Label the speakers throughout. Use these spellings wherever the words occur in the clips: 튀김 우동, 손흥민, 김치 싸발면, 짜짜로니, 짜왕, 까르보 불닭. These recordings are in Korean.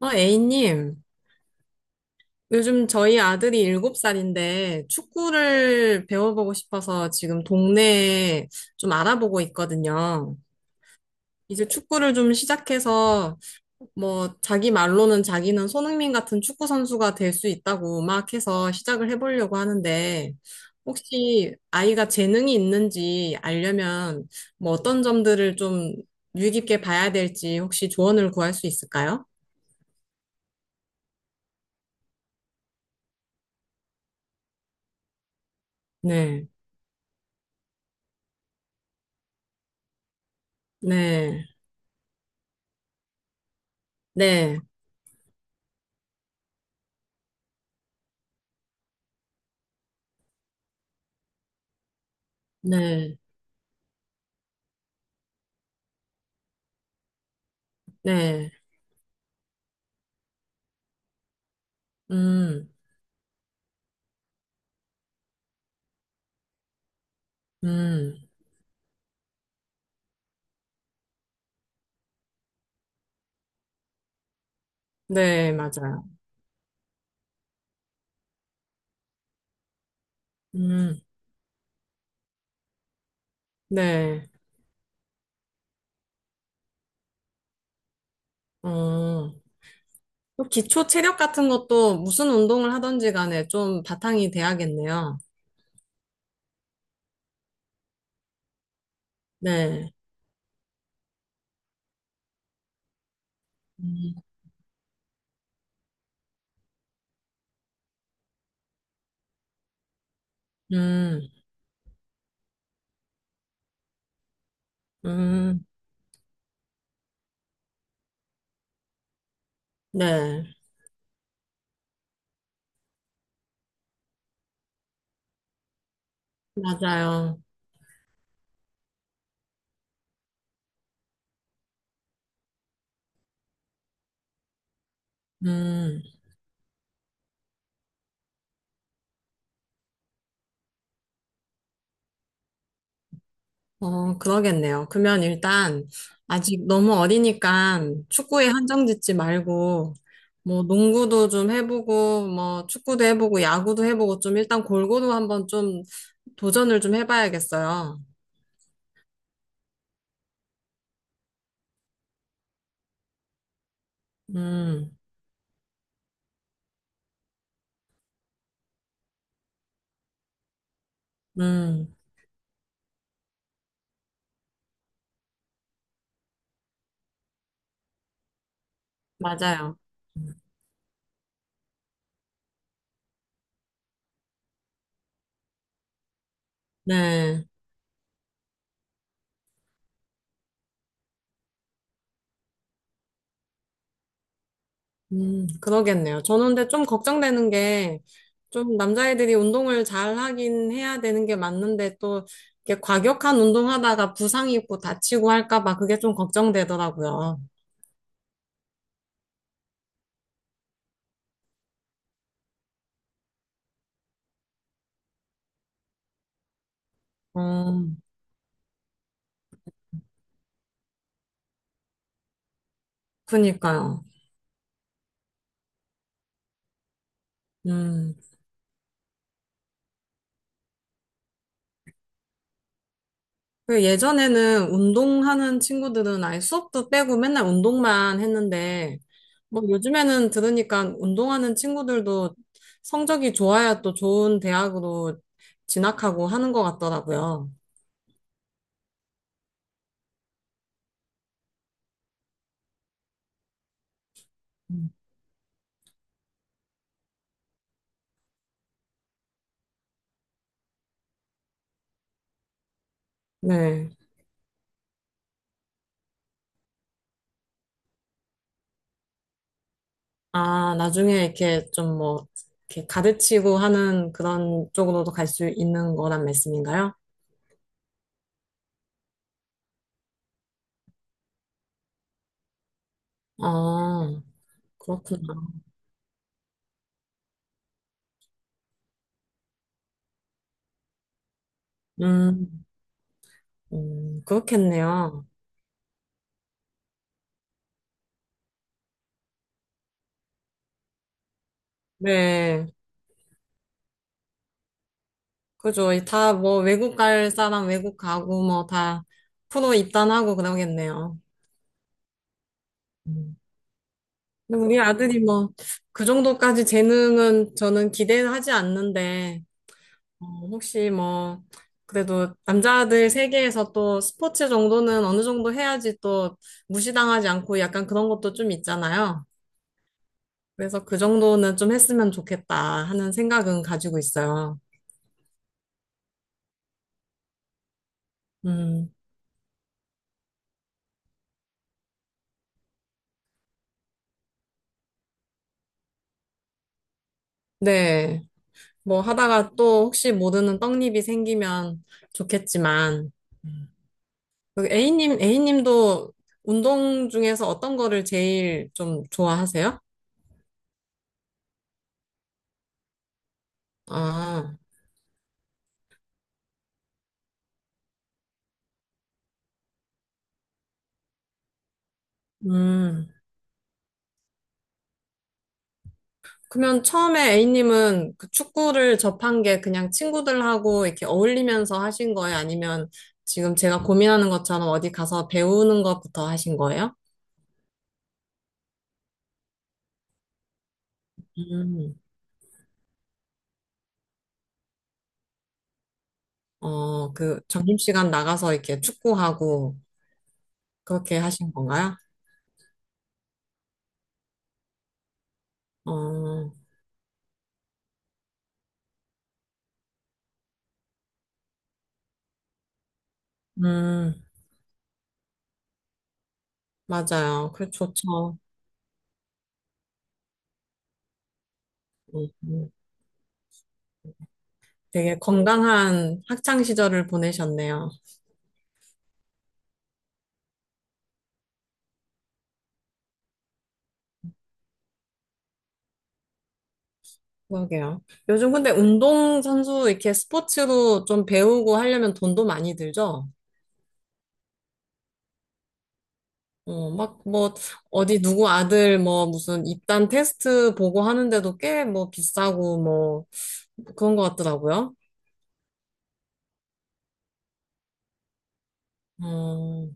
Speaker 1: A님, 요즘 저희 아들이 7살인데 축구를 배워보고 싶어서 지금 동네에 좀 알아보고 있거든요. 이제 축구를 좀 시작해서 뭐 자기 말로는 자기는 손흥민 같은 축구 선수가 될 수 있다고 막 해서 시작을 해보려고 하는데 혹시 아이가 재능이 있는지 알려면 뭐 어떤 점들을 좀 유의 깊게 봐야 될지 혹시 조언을 구할 수 있을까요? 네, 네, 네. 네, 네. 음, 음, 네, 맞아요. 음, 네. 어, 또 기초 체력 같은 것도 무슨 운동을 하든지 간에 좀 바탕이 돼야겠네요. 네. 음, 음, 음, 네, 맞아요. 음. 어, 그러겠네요. 그러면 일단 아직 너무 어리니까 축구에 한정 짓지 말고 뭐 농구도 좀 해보고 뭐 축구도 해보고 야구도 해보고 좀 일단 골고루 한번 좀 도전을 좀 해봐야겠어요. 음, 음, 맞아요. 네. 그러겠네요. 저는 근데 좀 걱정되는 게, 좀 남자애들이 운동을 잘 하긴 해야 되는 게 맞는데, 또, 이렇게 과격한 운동하다가 부상 입고 다치고 할까봐 그게 좀 걱정되더라고요. 어, 그니까요. 음. 그 예전에는 운동하는 친구들은 아예 수업도 빼고 맨날 운동만 했는데, 뭐 요즘에는 들으니까 운동하는 친구들도 성적이 좋아야 또 좋은 대학으로 진학하고 하는 것 같더라고요. 음. 네. 아, 나중에 이렇게 좀 뭐, 이렇게 가르치고 하는 그런 쪽으로도 갈 수 있는 거란 말씀인가요? 아, 그렇구나. 음, 그렇겠네요. 네. 그죠. 다 뭐, 외국 갈 사람 외국 가고 뭐, 다 프로 입단하고 그러겠네요. 음. 근데 우리 아들이 뭐, 그 정도까지 재능은 저는 기대하지 않는데, 어, 혹시 뭐, 그래도 남자들 세계에서 또 스포츠 정도는 어느 정도 해야지 또 무시당하지 않고 약간 그런 것도 좀 있잖아요. 그래서 그 정도는 좀 했으면 좋겠다 하는 생각은 가지고 있어요. 음, 네. 뭐 하다가 또 혹시 모르는 떡잎이 생기면 좋겠지만, 음. 그 A님, A님도 운동 중에서 어떤 거를 제일 좀 좋아하세요? 아, 음. 그러면 처음에 A님은 그 축구를 접한 게 그냥 친구들하고 이렇게 어울리면서 하신 거예요? 아니면 지금 제가 고민하는 것처럼 어디 가서 배우는 것부터 하신 거예요? 음. 어, 그 점심시간 나가서 이렇게 축구하고 그렇게 하신 건가요? 어, 음, 맞아요. 그 좋죠. 음, 음. 되게 건강한 학창 시절을 보내셨네요. 그러게요. 요즘 근데 운동선수 이렇게 스포츠로 좀 배우고 하려면 돈도 많이 들죠? 어, 막, 뭐, 어디 누구 아들, 뭐, 무슨 입단 테스트 보고 하는데도 꽤, 뭐, 비싸고, 뭐, 그런 것 같더라고요. 어,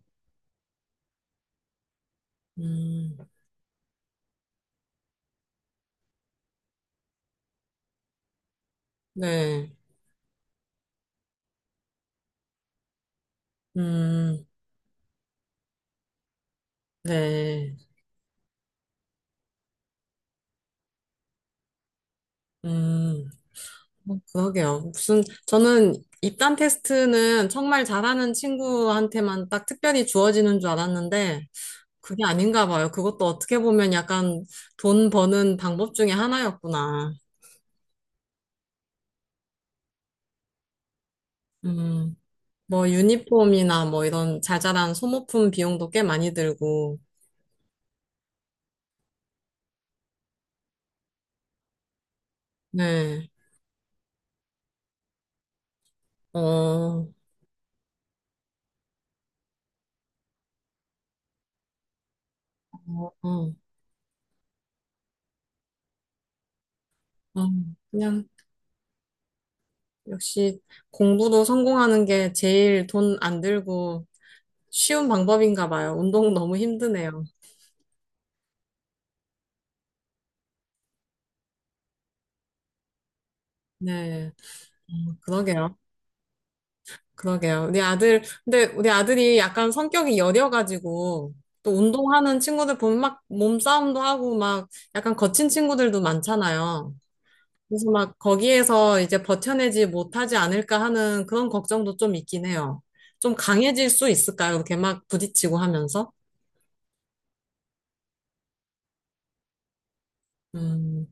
Speaker 1: 음, 네, 음, 네, 음, 뭐 그러게요. 무슨, 저는 입단 테스트는 정말 잘하는 친구한테만 딱 특별히 주어지는 줄 알았는데, 그게 아닌가 봐요. 그것도 어떻게 보면 약간 돈 버는 방법 중에 하나였구나. 음. 뭐 유니폼이나 뭐 이런 자잘한 소모품 비용도 꽤 많이 들고, 네. 어, 어, 어, 어. 그냥 역시 공부도 성공하는 게 제일 돈 안 들고 쉬운 방법인가 봐요. 운동 너무 힘드네요. 네. 그러게요. 그러게요. 우리 아들, 근데 우리 아들이 약간 성격이 여려가지고 또 운동하는 친구들 보면 막 몸싸움도 하고 막 약간 거친 친구들도 많잖아요. 그래서 막 거기에서 이제 버텨내지 못하지 않을까 하는 그런 걱정도 좀 있긴 해요. 좀 강해질 수 있을까요? 이렇게 막 부딪히고 하면서? 음,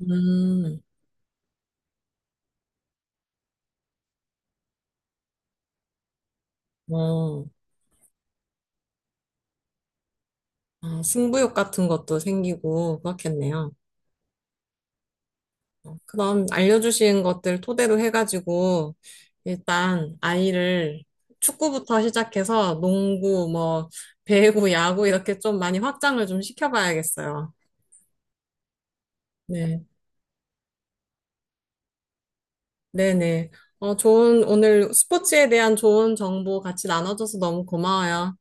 Speaker 1: 음, 어, 아, 승부욕 같은 것도 생기고 그렇겠네요. 어, 그럼 알려주신 것들 토대로 해가지고 일단 아이를 축구부터 시작해서 농구, 뭐, 배구, 야구 이렇게 좀 많이 확장을 좀 시켜봐야겠어요. 네. 네네. 어, 좋은, 오늘 스포츠에 대한 좋은 정보 같이 나눠줘서 너무 고마워요.